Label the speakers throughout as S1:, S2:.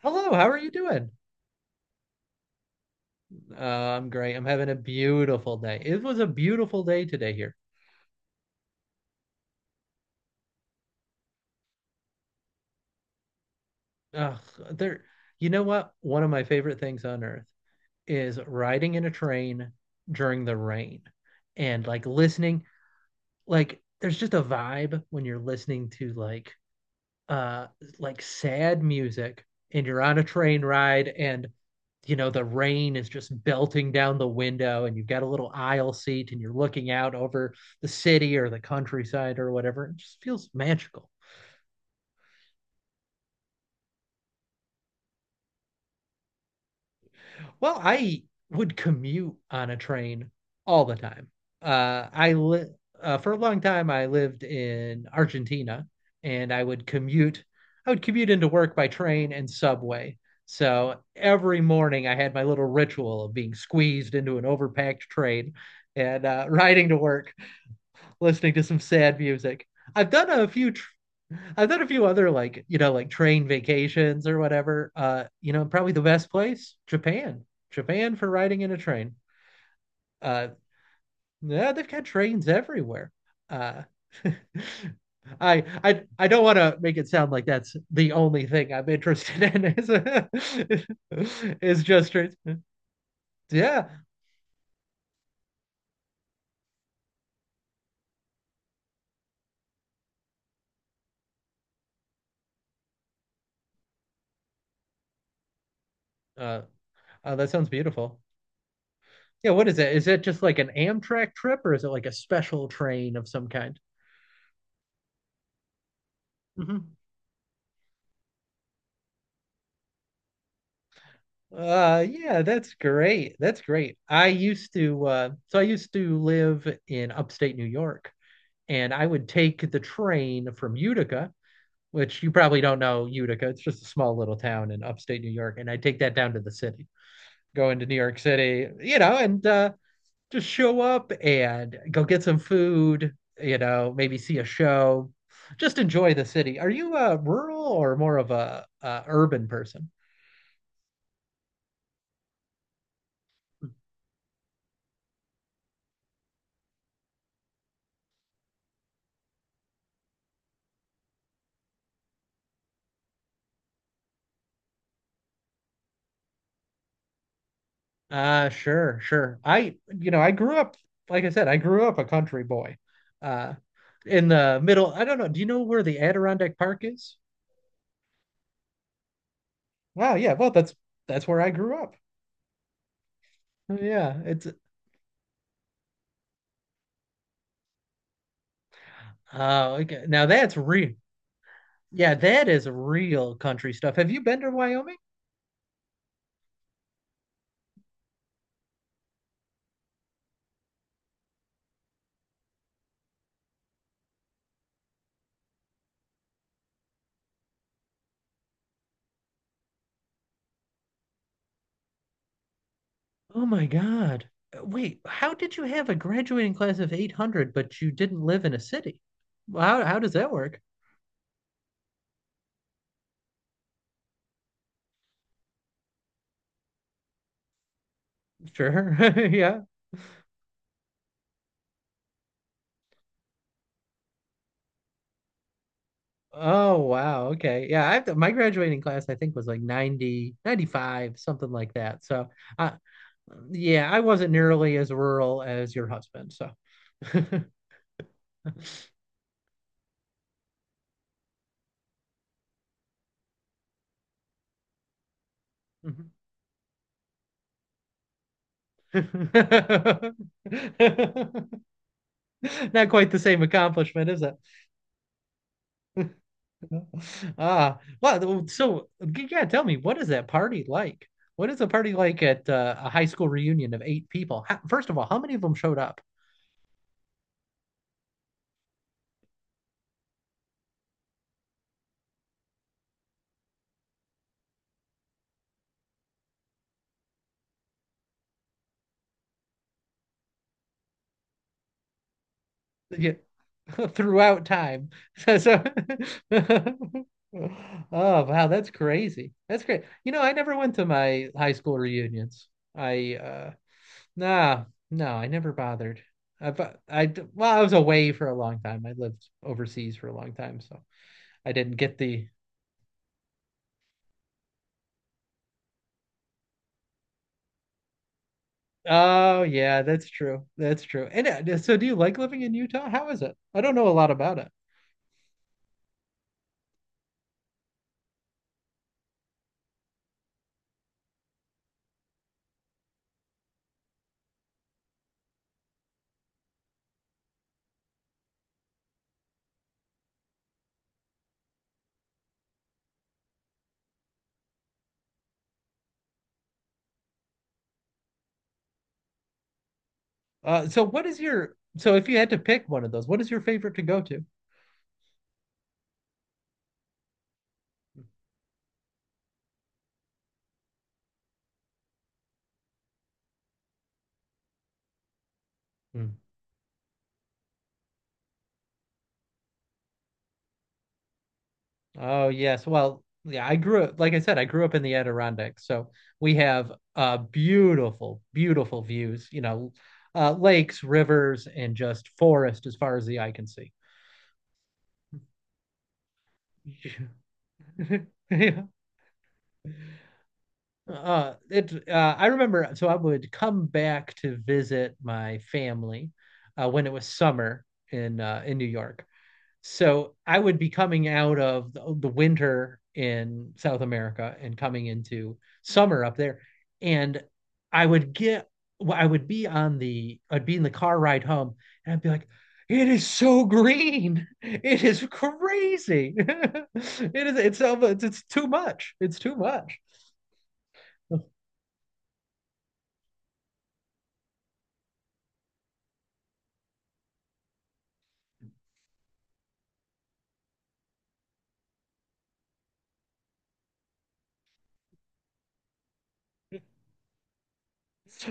S1: Hello, how are you doing? I'm great. I'm having a beautiful day. It was a beautiful day today here. Ugh, there, you know what? One of my favorite things on earth is riding in a train during the rain and like listening. Like, there's just a vibe when you're listening to uh like sad music and you're on a train ride, and you know the rain is just belting down the window and you've got a little aisle seat and you're looking out over the city or the countryside or whatever. It just feels magical. Well, I would commute on a train all the time. I li for a long time I lived in Argentina, and I would commute. I would commute into work by train and subway. So every morning I had my little ritual of being squeezed into an overpacked train and riding to work, listening to some sad music. I've done a few tr- I've done a few other like, you know, like train vacations or whatever. You know, probably the best place, Japan. Japan for riding in a train. Uh, yeah, they've got trains everywhere. Uh, I don't want to make it sound like that's the only thing I'm interested in is is just trains. Yeah. Uh, that sounds beautiful. Yeah, what is that? Is that just like an Amtrak trip or is it like a special train of some kind? Mhm. Yeah, that's great. That's great. I used to so I used to live in upstate New York, and I would take the train from Utica, which you probably don't know. Utica, it's just a small little town in upstate New York, and I'd take that down to the city. Go into New York City, you know, and just show up and go get some food, you know, maybe see a show, just enjoy the city. Are you a rural or more of a, urban person? Sure, sure. I, you know, I grew up, like I said, I grew up a country boy. Uh, in the middle, I don't know. Do you know where the Adirondack Park is? Wow, yeah. Well, that's where I grew up. Oh, Yeah, it's oh, okay. Now that's real. Yeah, that is real country stuff. Have you been to Wyoming? Oh my God. Wait, how did you have a graduating class of 800, but you didn't live in a city? How does that work? Sure. Yeah. Oh wow. Okay. Yeah, I have my graduating class I think was like 90 95, something like that. So, uh, yeah, I wasn't nearly as rural as your husband, so. Not quite the same accomplishment, is it? Ah, well, so yeah, tell me, what is that party like? What is a party like at a high school reunion of eight people? How, first of all, how many of them showed up? Yeah, throughout time. So, so oh wow, that's crazy. That's great. You know, I never went to my high school reunions. I nah, no, I never bothered. I, bu- I d- well, I was away for a long time. I lived overseas for a long time, so I didn't get the. Oh yeah, that's true. That's true. And so, do you like living in Utah? How is it? I don't know a lot about it. So what is your if you had to pick one of those, what is your favorite to go to? Oh yes. Well, yeah, I grew up, like I said, I grew up in the Adirondacks. So we have beautiful, beautiful views, you know, lakes, rivers, and just forest as far as the eye can see. Yeah. It I remember so I would come back to visit my family when it was summer in New York. So I would be coming out of the winter in South America and coming into summer up there. And I would get, well, I would be on I'd be in the car ride home, and I'd be like, it is so green. It is crazy. It's too much. It's too much.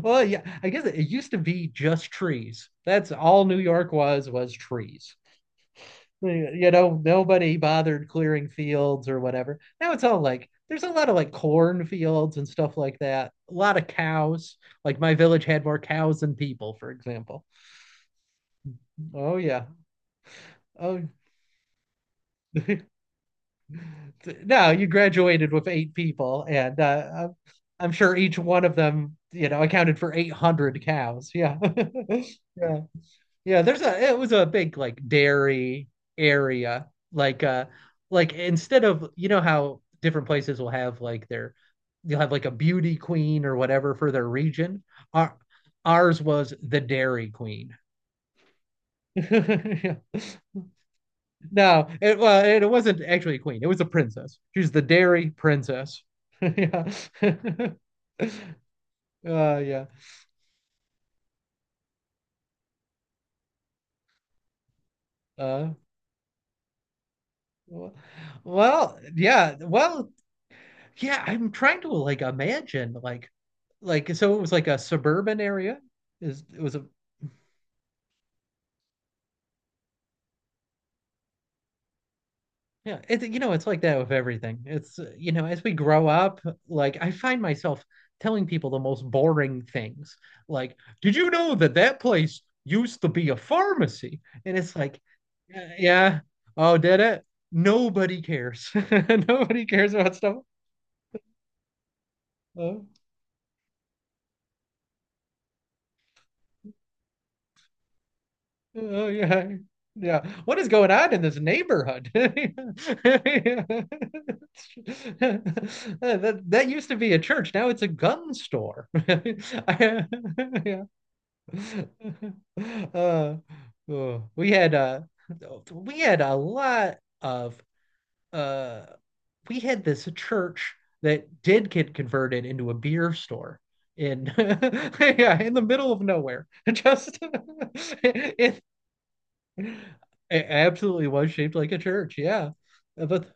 S1: Well, yeah, used to be just trees. That's all New York was trees. You know, nobody bothered clearing fields or whatever. Now it's all like there's a lot of like corn fields and stuff like that. A lot of cows. Like my village had more cows than people, for example. Oh yeah. Oh no, you graduated with eight people, and I'm sure each one of them, you know, accounted for 800 cows. Yeah. Yeah. Yeah. It was a big like dairy area. Like, uh, like instead of, you know, how different places will have like you'll have like a beauty queen or whatever for their region. Our, ours was the dairy queen. Yeah. No, well, it wasn't actually a queen. It was a princess. She's the dairy princess. Yeah. Yeah. Uh, w- well, yeah. Well, yeah. I'm trying to like imagine like so it was like a suburban area. Is it was a Yeah, you know, it's like that with everything. You know, as we grow up, like I find myself telling people the most boring things. Like, did you know that that place used to be a pharmacy? And it's like, yeah, yeah. Oh, did it? Nobody cares. Nobody cares about stuff. Uh, Oh yeah. Yeah. What is going on in this neighborhood? That that used to be a church. Now it's a gun store. Yeah. Uh, oh, we had a lot of uh we had this church that did get converted into a beer store in yeah, in the middle of nowhere. Just in it absolutely was shaped like a church, yeah. But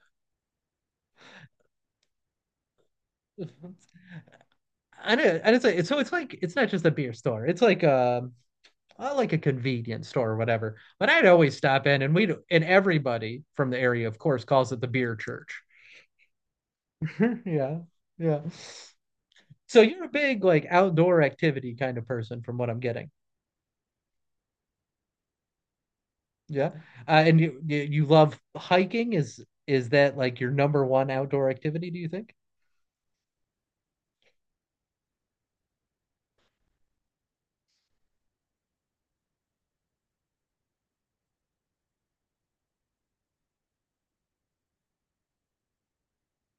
S1: I don't say so. It's like it's not just a beer store. It's like a convenience store or whatever. But I'd always stop in, and everybody from the area, of course, calls it the beer church. Yeah, yeah. So you're a big like outdoor activity kind of person, from what I'm getting. Yeah, and you love hiking. Is that like your number one outdoor activity, do you think?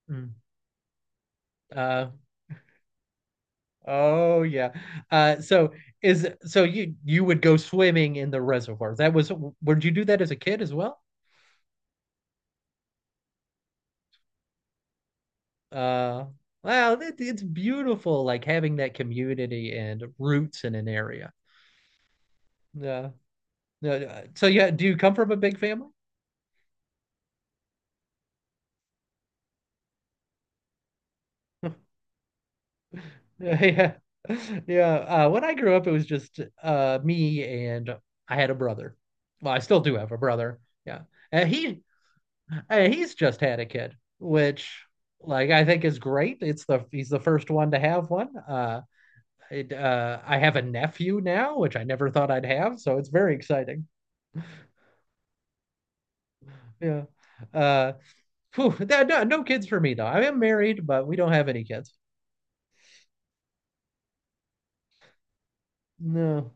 S1: Mm. Uh, oh yeah. So is so you would go swimming in the reservoir. That was would you do that as a kid as well? Uh, wow, that, it's beautiful, like having that community and roots in an area. Yeah. Yeah. So yeah, do you come from a big family? Yeah. Yeah. When I grew up, it was just me and I had a brother. Well, I still do have a brother. Yeah. And he Hey, he's just had a kid, which like I think is great. It's the He's the first one to have one. I have a nephew now, which I never thought I'd have, so it's very exciting. Yeah. Uh, no, no kids for me though. I am married, but we don't have any kids. No.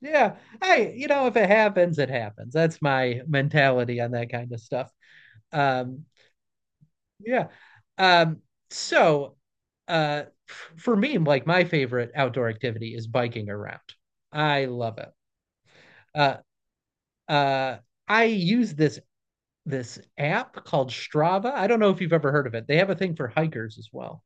S1: Yeah. Hey, you know, if it happens, it happens. That's my mentality on that kind of stuff. Um, Yeah. Um, so for me, like my favorite outdoor activity is biking around. I love it. Uh uh I use this app called Strava. I don't know if you've ever heard of it. They have a thing for hikers as well.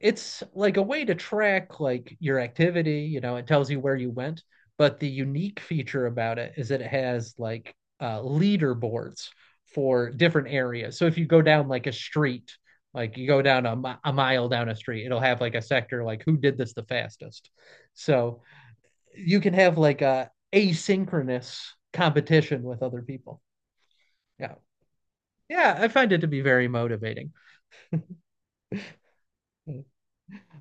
S1: It's like a way to track like your activity, you know, it tells you where you went, but the unique feature about it is that it has like leaderboards for different areas. So if you go down like a street, like you go down a mile down a street, it'll have like a sector like who did this the fastest, so you can have like a asynchronous competition with other people. Yeah, yeah, I find it to be very motivating.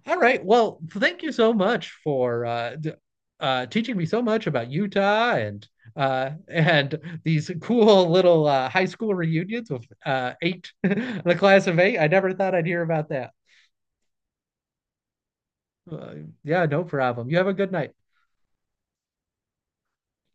S1: All right. Well, thank you so much for teaching me so much about Utah and uh, and these cool little high school reunions with eight, the class of eight. I never thought I'd hear about that. Uh, yeah, no problem. You have a good night.